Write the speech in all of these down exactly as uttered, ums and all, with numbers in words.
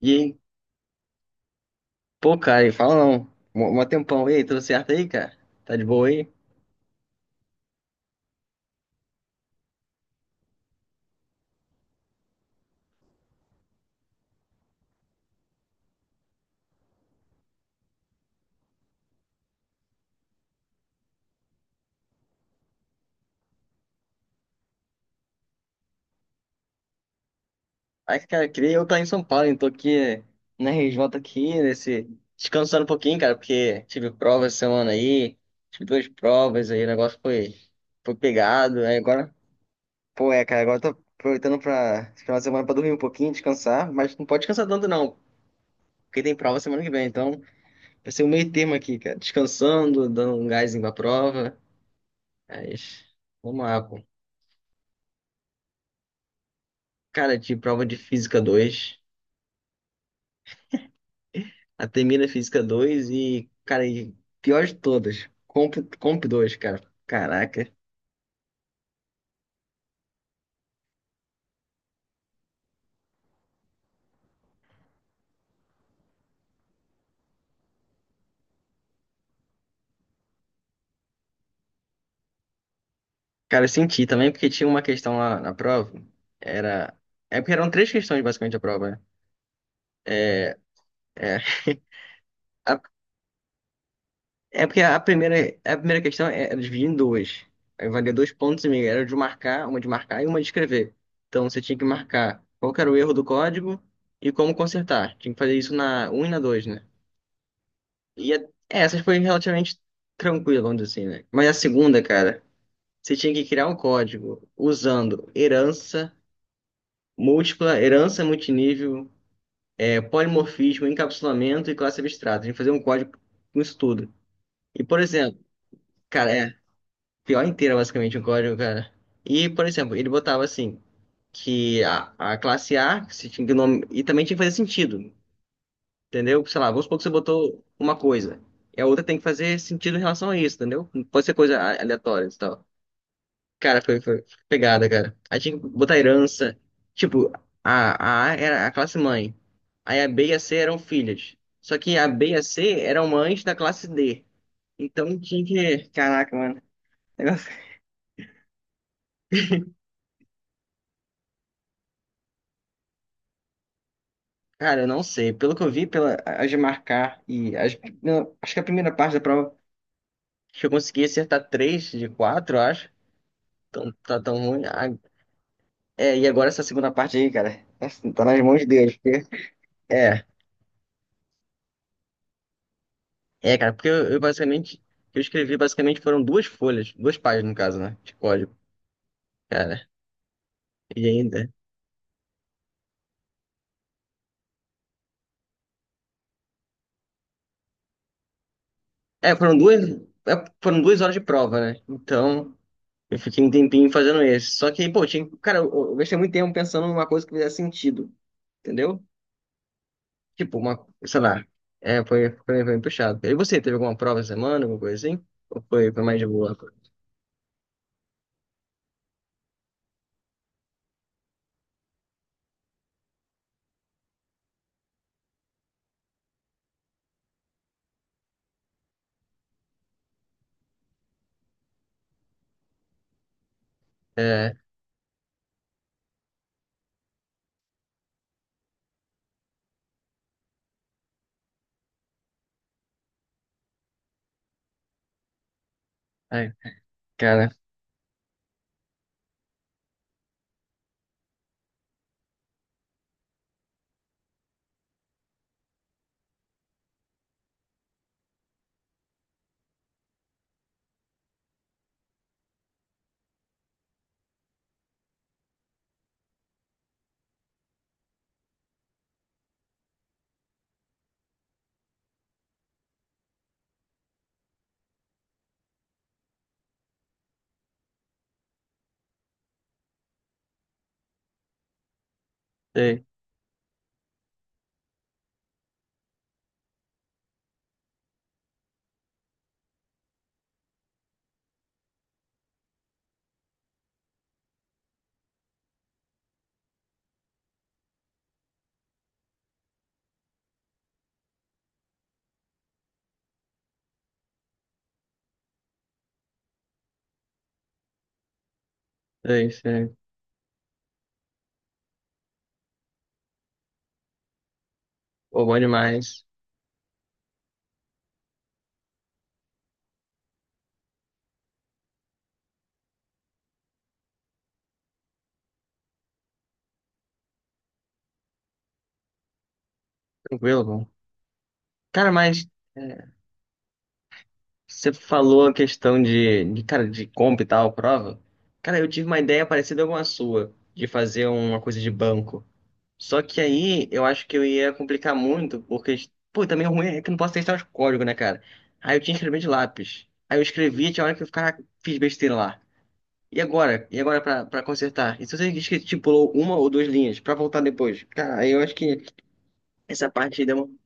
E aí, pô, cara, e fala não. Mó mó tempão. E aí, tudo certo aí, cara? Tá de boa aí? Ai, cara, queria eu estar em São Paulo, então tô aqui eh, na R J aqui, nesse... Descansando um pouquinho, cara, porque tive prova essa semana aí. Tive duas provas aí, o negócio foi, foi pegado. Aí agora, pô, é, cara, agora eu tô aproveitando pra esse final de semana pra dormir um pouquinho, descansar. Mas não pode descansar tanto não, porque tem prova semana que vem. Então, vai ser o meio termo aqui, cara. Descansando, dando um gásinho pra prova. Mas, vamos lá, pô. Cara, de prova de Física dois, A termina Física dois e, cara, e pior de todas, Comp, Comp dois, cara. Caraca. Cara, eu senti também porque tinha uma questão lá na prova. Era. É porque eram três questões basicamente a prova, né? É, a- é porque a primeira, a primeira questão é, era dividida em duas. Aí valia dois pontos e meio. Era de marcar, uma de marcar e uma de escrever. Então você tinha que marcar qual que era o erro do código e como consertar. Tinha que fazer isso na um e na dois, né? E a- é, essas foi relativamente tranquila, vamos dizer assim, né? Mas a segunda, cara, você tinha que criar um código usando herança múltipla, herança multinível, é, polimorfismo, encapsulamento e classe abstrata. A gente fazia um código com isso tudo. E, por exemplo, cara, é pior inteira basicamente o código, cara. E, por exemplo, ele botava assim, que a, a classe A, que você tinha que nome... e também tinha que fazer sentido. Entendeu? Sei lá, vamos supor que você botou uma coisa. E a outra tem que fazer sentido em relação a isso, entendeu? Não pode ser coisa a- aleatória e tal. Cara, foi, foi pegada, cara. Aí tinha que botar herança. Tipo, a, a A era a classe mãe. Aí a B e a C eram filhas. Só que a B e a C eram mães da classe D. Então tinha que. Caraca, mano. Negócio- Cara, eu não sei. Pelo que eu vi, pela, as de marcar e as, não, acho que a primeira parte da prova, acho que eu consegui acertar três de quatro, acho. Então tá tão ruim. Ah, é, e agora essa segunda parte aí, cara, tá tá nas mãos de Deus. É, é, cara, porque eu, eu basicamente, o que eu escrevi basicamente foram duas folhas, duas páginas no caso, né, de código, cara, e ainda. É, foram duas, é, foram duas horas de prova, né, então eu fiquei um tempinho fazendo esse. Só que, pô, tinha, cara, eu, eu gastei muito tempo pensando numa coisa que fizesse sentido, entendeu? Tipo, uma, sei lá, é, foi, foi, foi puxado. E você, teve alguma prova essa semana, alguma coisa assim? Ou foi, foi mais de boa? É, ai, cara, sei, sei, sei. Pô, bom demais. Tranquilo, bom. Cara, mas é, você falou a questão de, de, cara, de comp e tal, prova. Cara, eu tive uma ideia parecida com a sua, de fazer uma coisa de banco. Só que aí eu acho que eu ia complicar muito, porque, pô, também o ruim é que eu não posso testar os códigos, né, cara? Aí eu tinha que escrever de lápis. Aí eu escrevi, tinha hora que eu ficava, fiz besteira lá. E agora? E agora pra, pra consertar? E se você que estipulou uma ou duas linhas pra voltar depois? Cara, aí eu acho que essa parte deu uma.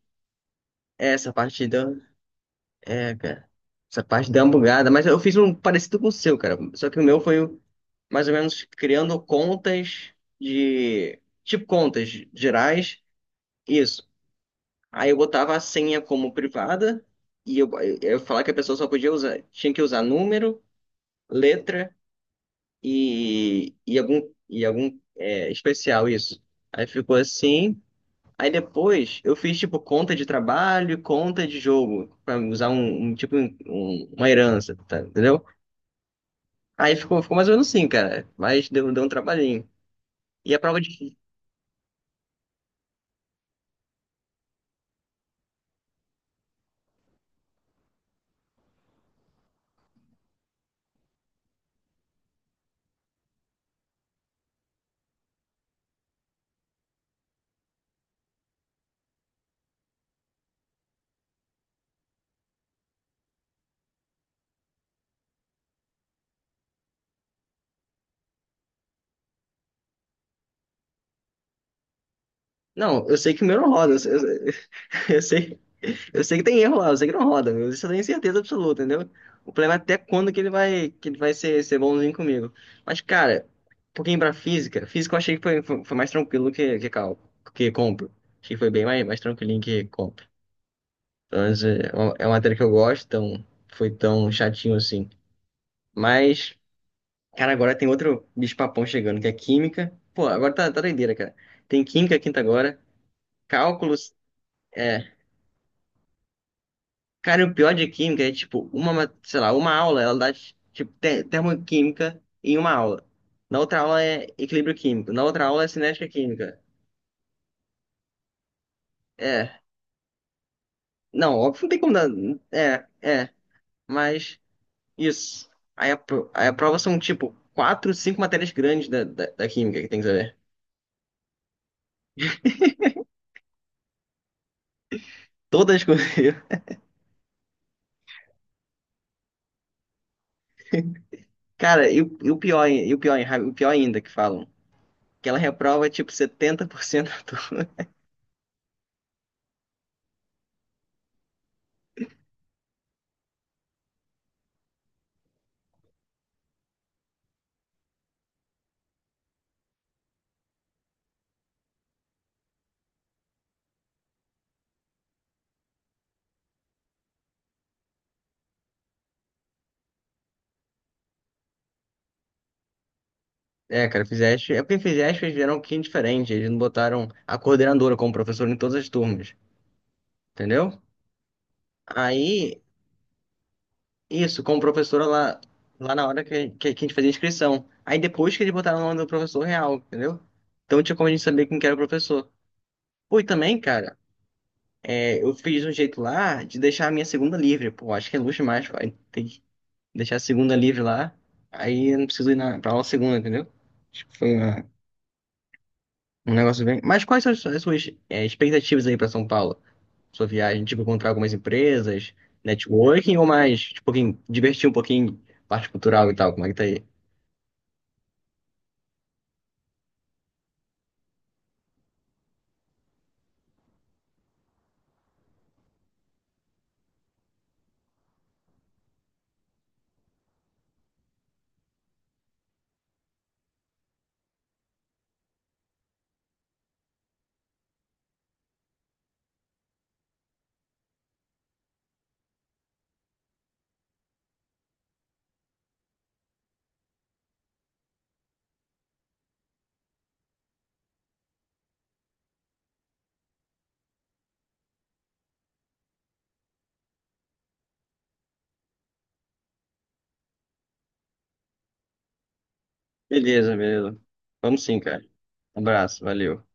Essa partida. É, cara. Essa parte deu uma bugada, mas eu fiz um parecido com o seu, cara. Só que o meu foi mais ou menos criando contas de. Tipo, contas gerais. Isso. Aí eu botava a senha como privada e eu, eu falava que a pessoa só podia usar. Tinha que usar número, letra e, e algum, e algum é, especial, isso. Aí ficou assim. Aí depois eu fiz tipo conta de trabalho, e conta de jogo, pra usar um, um- tipo um- uma herança, tá? Entendeu? Aí ficou, ficou mais ou menos assim, cara. Mas deu, deu um trabalhinho. E a prova de. Não, eu sei que o meu não roda. Eu, sei, eu sei eu sei que tem erro lá, eu sei que não roda. Eu isso eu tenho certeza absoluta, entendeu? O problema é até quando que ele vai, que ele vai ser, ser bonzinho comigo. Mas, cara, um pouquinho pra física. Física eu achei que foi, foi, foi mais tranquilo que, que cálculo, que compro. Achei que foi bem mais, mais tranquilinho que compro. Então, é uma é uma matéria que eu gosto, então foi tão chatinho assim. Mas. Cara, agora tem outro bicho-papão chegando, que é química. Pô, agora tá, tá doideira, cara. Tem química quinta agora, cálculos. É. Cara, e o pior de química é, tipo, uma, ma- sei lá, uma aula, ela dá, tipo, te- termoquímica em uma aula. Na outra aula é equilíbrio químico. Na outra aula é cinética química. É. Não, óbvio, não tem como dar. É, é. Mas, isso. Aí a, pro- aí a prova são, tipo, quatro, cinco matérias grandes da, da, da química que tem que saber. Todas coisas. Cara, e o, e o pior, e o pior, o pior ainda que falam, que ela reprova tipo setenta por cento da turma. É, cara, Fizeste, é porque Fizeste eles vieram um pouquinho diferente, eles não botaram a coordenadora como professora em todas as turmas, entendeu? Aí, isso, como professora lá, lá na hora que, que, que a gente fazia a inscrição. Aí depois que eles botaram o nome do professor real, entendeu? Então tinha como a gente saber quem que era o professor. Pô, e também, cara, é, eu fiz um jeito lá de deixar a minha segunda livre, pô, acho que é luxo demais, pai. Deixar a segunda livre lá, aí eu não preciso ir na, pra aula segunda, entendeu? Acho que foi uma- um negócio bem. Mas quais são as, as suas é, expectativas aí pra São Paulo? Sua viagem, tipo, encontrar algumas empresas, networking ou mais, tipo, um pouquinho divertir um pouquinho, parte cultural e tal, como é que tá aí? Beleza, beleza. Vamos sim, cara. Um abraço, valeu.